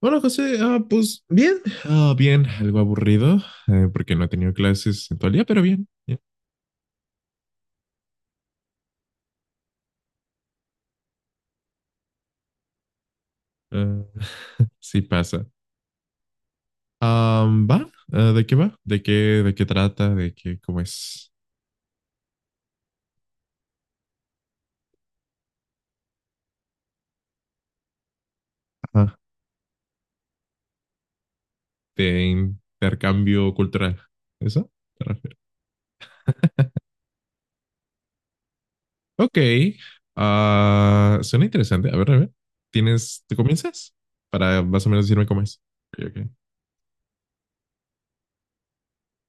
Hola José, pues bien, bien, algo aburrido porque no he tenido clases en todo el día, pero bien, bien. Ah, sí pasa. Ah, ¿va? Ah, ¿de qué va? De qué trata? ¿De qué, cómo es? Ajá. De intercambio cultural. ¿Eso? ¿Te refieres? Ok, suena interesante. A ver, a ver. ¿Tienes, te comienzas? Para más o menos decirme cómo es. Ok, ok.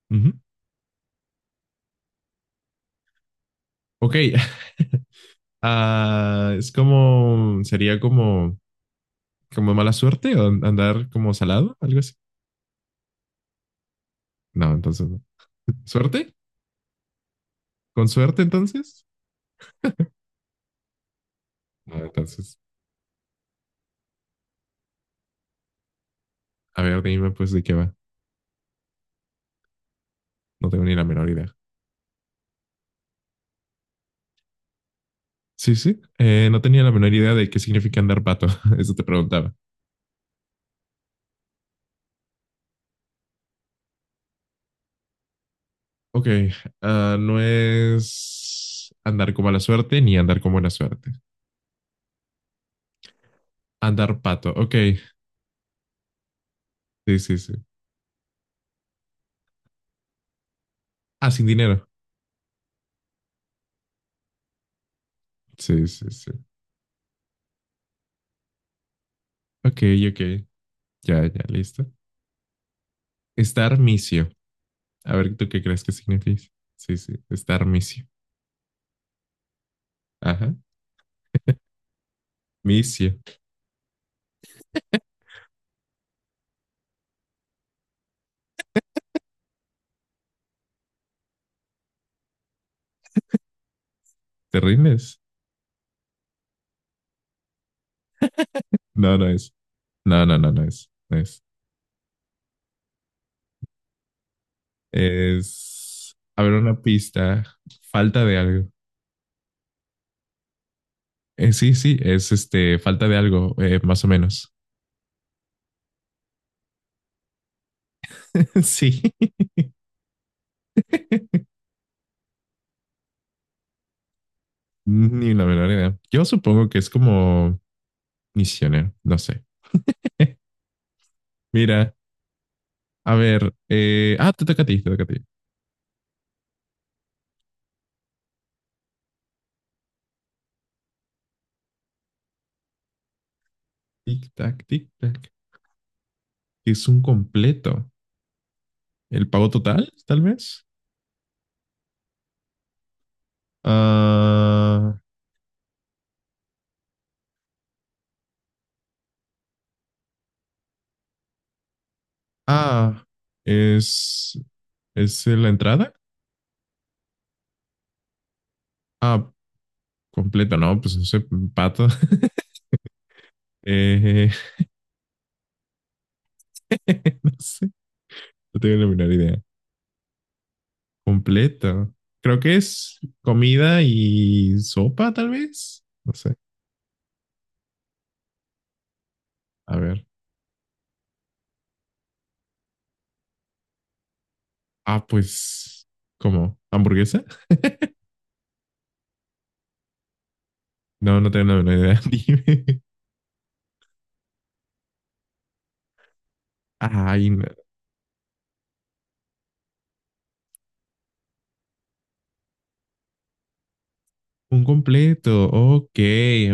Ujú. Ok, Ah, es como, sería como... como mala suerte o andar como salado, algo así. No, entonces no. ¿Suerte? ¿Con suerte entonces? No, entonces, a ver, dime pues de qué va. No tengo ni la menor idea. Sí, sí. No tenía la menor idea de qué significa andar pato. Eso te preguntaba. Ok, no es andar con mala suerte ni andar con buena suerte. Andar pato, ok. Sí, sí, sí. Ah, sin dinero. Sí, sí, sí. Ok, ok. Ya, ya, listo. Estar misio. A ver, ¿tú qué crees que significa? Sí, sí, estar misio. Ajá. Micio. ¿Te rindes? No, no es. No, no, no, no es. No es. Es. A ver, una pista. Falta de algo. Sí, sí, es este. Falta de algo, más o menos. Sí. Ni la menor idea. Yo supongo que es como misionero. No sé. Mira, a ver. Te toca a ti, te toca a ti. Tic tac, tic tac. Es un completo. El pago total, tal vez. Ah. Ah, es, es la entrada. Ah, completa, no, pues no sé, pato. Eh, no sé, no tengo la menor idea. Completa. Creo que es comida y sopa, tal vez. No sé. A ver. Ah, pues, ¿cómo? ¿Hamburguesa? No, no tengo la menor idea. Dime. Ay, no. Un completo. Ok,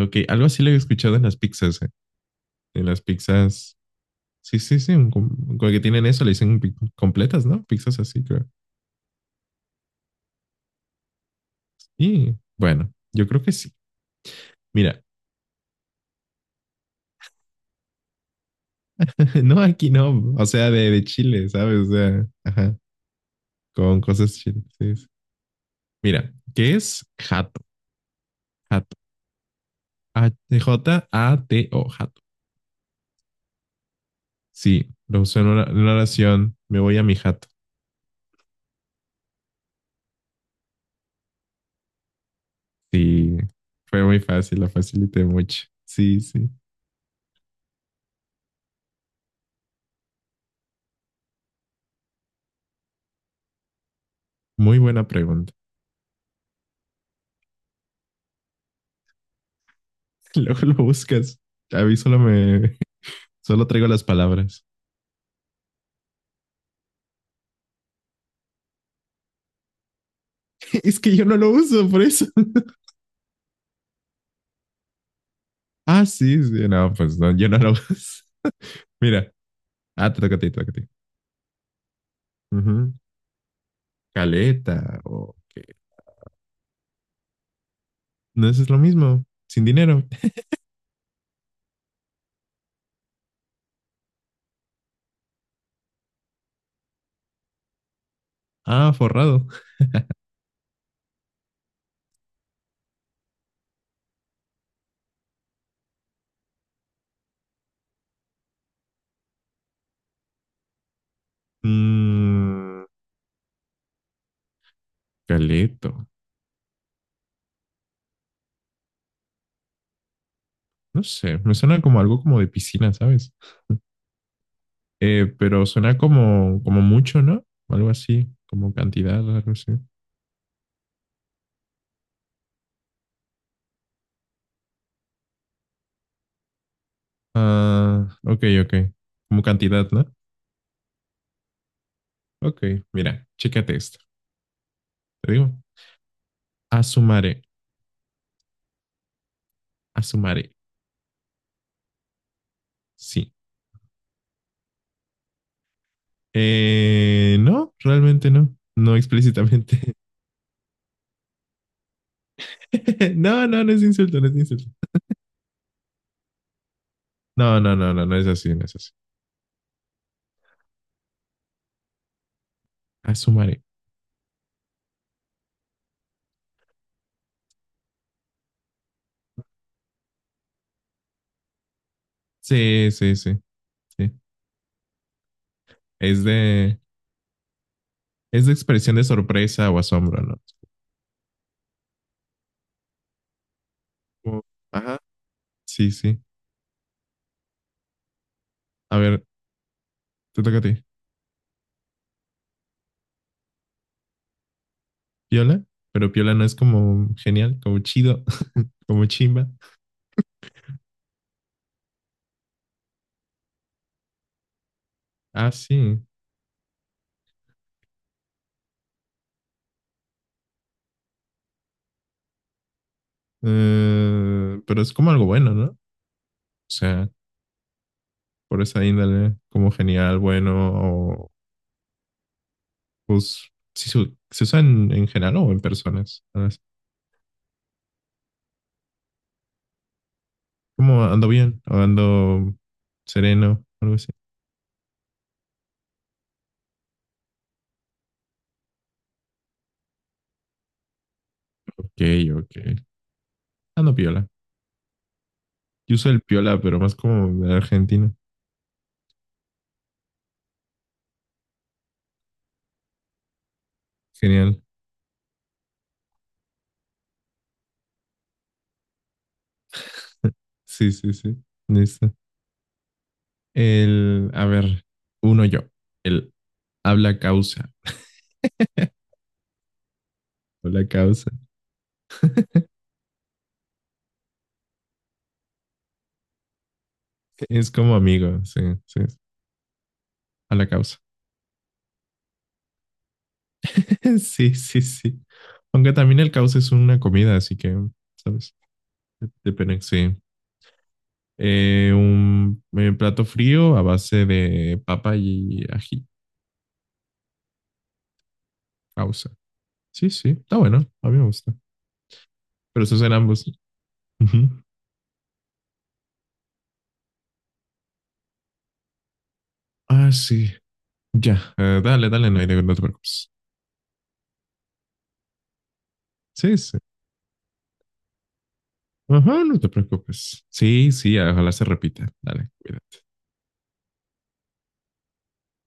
ok. Algo así lo he escuchado en las pizzas, eh. En las pizzas. Sí, sí, sí, un com- con el que tienen eso le dicen pi- completas, ¿no? Pizzas así, creo. Y bueno, yo creo que sí. Mira, no aquí no, o sea, de Chile, ¿sabes? O sea, ajá, con cosas chiles. Sí, sí. Mira, ¿qué es jato? Jato. A- J-A-T-O, jato. Sí, lo usé en en una oración, me voy a mi jato. Sí, fue muy fácil, la facilité mucho. Sí, sí, muy buena pregunta. Luego lo buscas. A mí solo me, solo traigo las palabras. Es que yo no lo uso, por eso. Sí, sí, no, pues no, yo no lo uso. Mira, te toca ti, toca ti. Ujú. Caleta, o qué. No, eso es lo mismo, sin dinero. Ah, forrado. Mm, caleto, no sé, me suena como algo como de piscina, ¿sabes? Pero suena como, como mucho, ¿no? Algo así, como cantidad, algo así. Ah, ok, ok. Como cantidad, ¿no? Ok, mira, chécate esto. Te digo, asumaré, asumaré. Sí. No, realmente no. No explícitamente. No, no, no es insulto, no es insulto. No, no, no, no, no es así, no es así. Ah, su madre. Sí, sí, sí, sí. Es de, es de expresión de sorpresa o asombro, ¿no? Como, ajá, sí, sí. A ver, te toca a ti. Piola, pero piola no es como genial, como chido, como chimba. Ah, sí. Pero es como algo bueno, ¿no? O sea, por esa índole, como genial, bueno pues sí se usa en general o en personas. ¿Sabes? Como ando bien o ando sereno, algo así. Ok, ok. Ando piola. Yo uso el piola, pero más como de Argentina. Genial. Sí, sí, sí. Listo. El, a ver, uno yo. El habla causa. Habla causa. Es como amigo. Sí, sí. Habla causa. Sí, sí, sí. Aunque también el causa es una comida, así que, ¿sabes? Depende, sí. Un plato frío a base de papa y ají, causa. Sí, sí, está bueno, a mí me gusta. Pero esos eran ambos. Ujú. Ah, sí, ya, dale, dale, no, no te preocupes. Sí, sí. Ajá, no te preocupes. Sí, sí, ojalá se repita. Dale, cuídate.